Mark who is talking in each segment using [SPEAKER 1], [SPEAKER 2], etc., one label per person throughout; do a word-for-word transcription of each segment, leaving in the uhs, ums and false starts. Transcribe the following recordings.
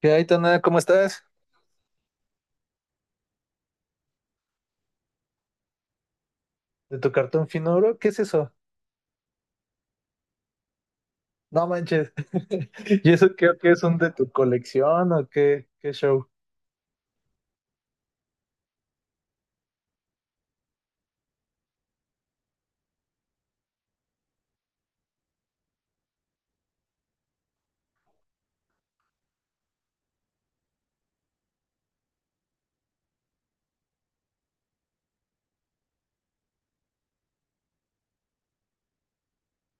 [SPEAKER 1] ¿Qué hay, Tana? ¿Cómo estás? ¿De tu cartón finuro, ¿Qué es eso? No manches. ¿Y eso creo que es un de tu colección o qué, qué show?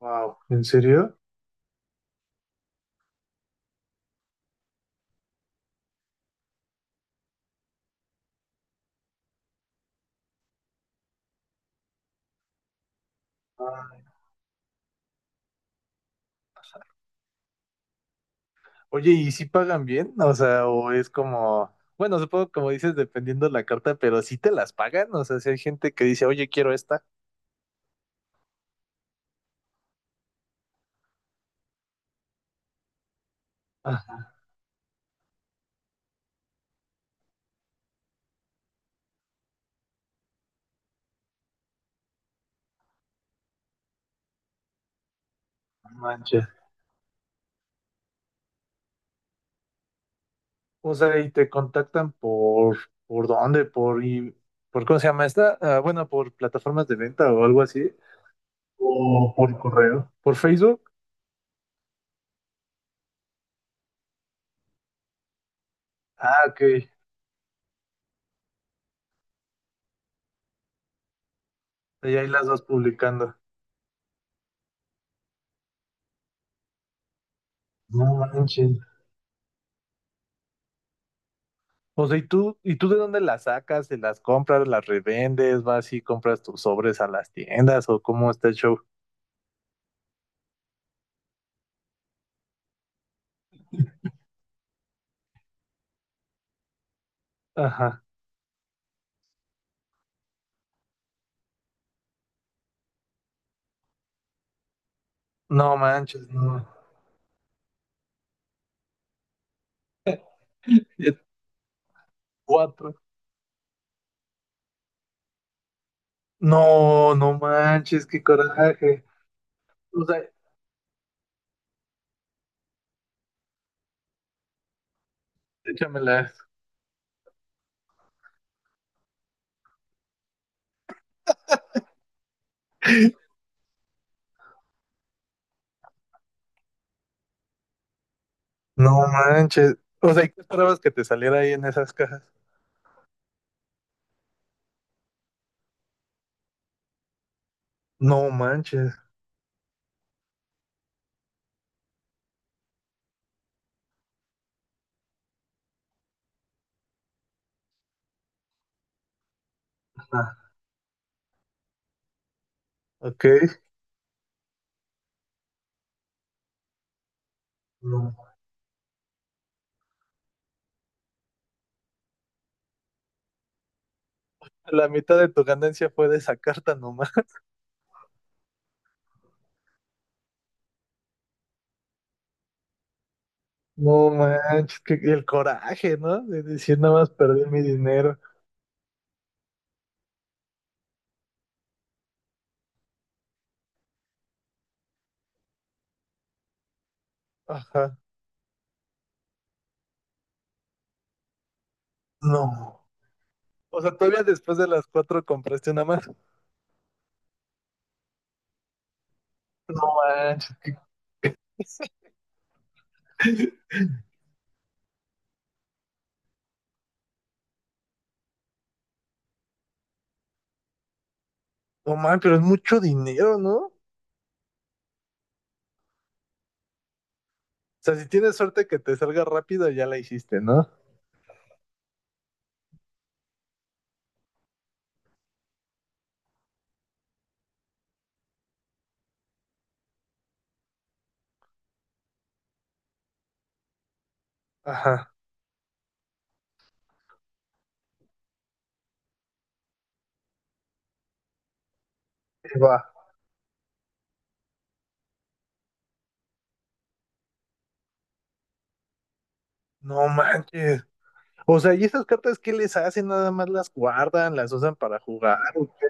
[SPEAKER 1] Wow. ¿En serio? Ah. Oye, ¿y si pagan bien? O sea, o es como, bueno, supongo como dices, dependiendo la carta, pero si te las pagan, o sea, si hay gente que dice, oye, quiero esta. Ah, no manches. O sea, y te contactan por, ¿por dónde? Por, y, ¿por cómo se llama esta? Ah, bueno, por plataformas de venta o algo así. O por correo. ¿Por Facebook? Ah, ok. Y ahí las vas publicando. No manches. O sea, ¿y tú, y tú de dónde las sacas? ¿Te las compras, las revendes? ¿Vas y compras tus sobres a las tiendas? ¿O cómo está el show? Ajá. No manches, no. Cuatro. No, no manches, qué coraje. O sea, échamelas. No manches. O sea, ¿y qué esperabas que te saliera ahí en esas cajas? No manches. ¿Ah? Ok. No. La mitad de tu ganancia fue de esa carta nomás. No manches, que que el coraje, ¿no? De decir nada más perdí mi dinero. Ajá. No. O sea, todavía después de las cuatro compraste una más. No manches, que- no manches, pero es mucho dinero, ¿no? O sea, si tienes suerte que te salga rápido, ya la hiciste, ¿no? Ajá. Ahí va. No manches. O sea, ¿y esas cartas qué les hacen? Nada más las guardan, las usan para jugar, ¿o qué?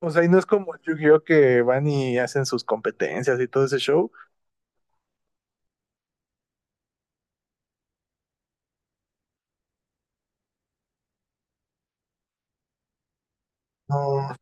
[SPEAKER 1] O sea, y no es como Yu-Gi-Oh que van y hacen sus competencias y todo ese show. No.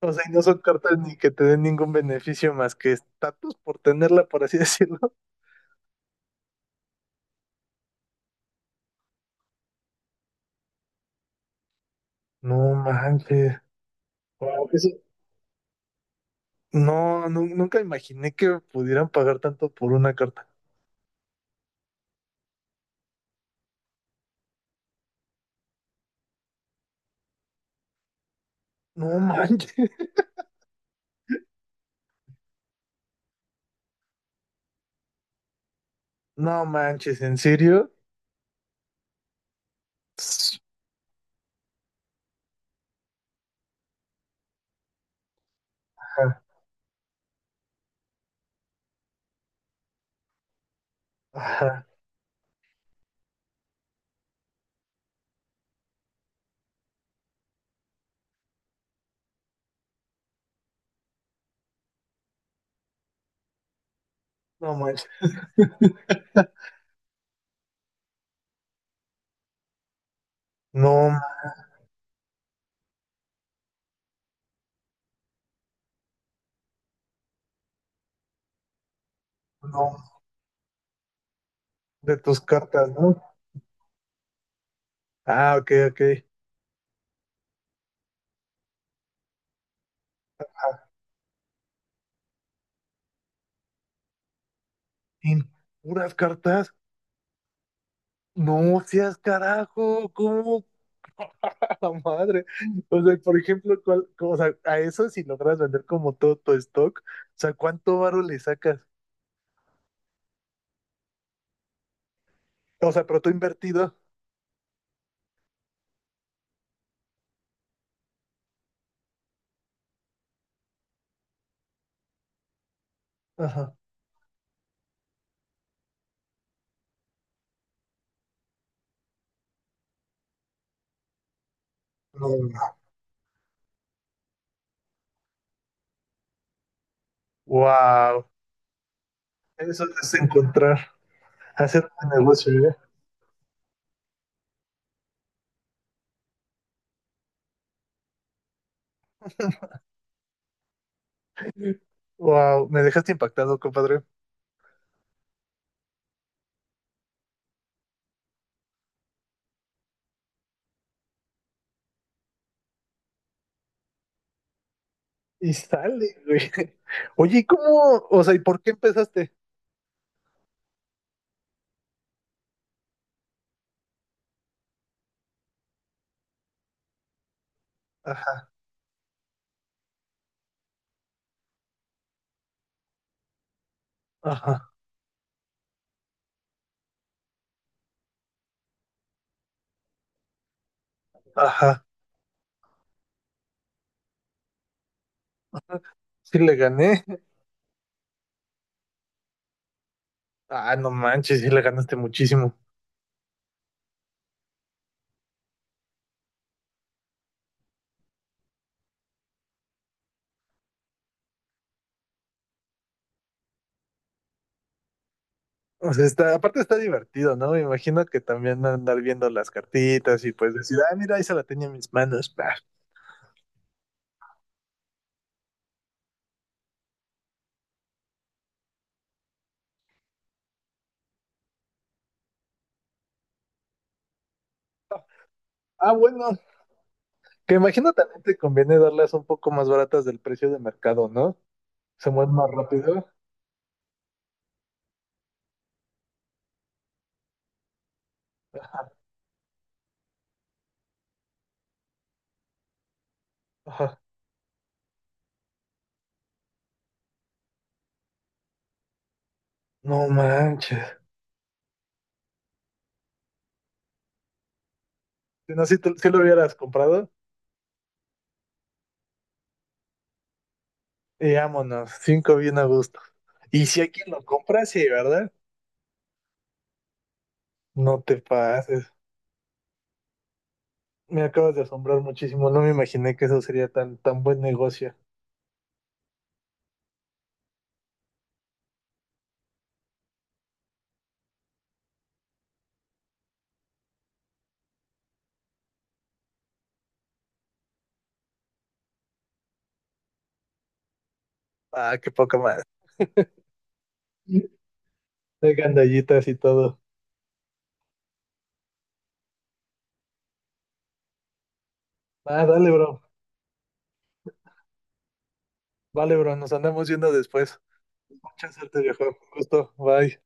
[SPEAKER 1] O sea, y no son cartas ni que te den ningún beneficio más que estatus por tenerla, por así decirlo. No manches. Wow, eso- no, nu- nunca imaginé que pudieran pagar tanto por una carta. No manches. No manches, ¿en serio? Ajá, ajá. No manches. No, no. De tus cartas, ¿no? Ah, ok, ok. Ajá. ¿En puras cartas? No seas carajo. ¿Cómo? La madre. O sea, por ejemplo, ¿cuál, cómo- o sea, a eso si logras vender como todo tu stock, o sea, ¿cuánto varo le sacas? O sea, pero tú invertido. Ajá. Wow. Eso es encontrar, hacer un negocio, ¿eh? Wow, me dejaste impactado, compadre. Y sale, güey. Oye, ¿y cómo? O sea, ¿y por qué empezaste? Ajá, ajá, ajá. Sí le gané. Ah, no manches, sí le ganaste muchísimo. O sea, está, aparte está divertido, ¿no? Me imagino que también andar viendo las cartitas y pues decir, ah, mira, ahí se la tenía en mis manos, pa". Ah, bueno, que imagino también te conviene darlas un poco más baratas del precio de mercado, ¿no? Se mueven más rápido. Ajá. No manches. Si no, si, tú- si lo hubieras comprado, y vámonos, cinco bien a gusto. Y si hay quien lo compra, sí, ¿verdad? No te pases. Me acabas de asombrar muchísimo. No me imaginé que eso sería tan, tan buen negocio. Ah, qué poca madre. De gandallitas y todo. Ah, dale, bro. Vale, bro. Nos andamos viendo después. Mucha suerte, viejo. Un gusto. Bye.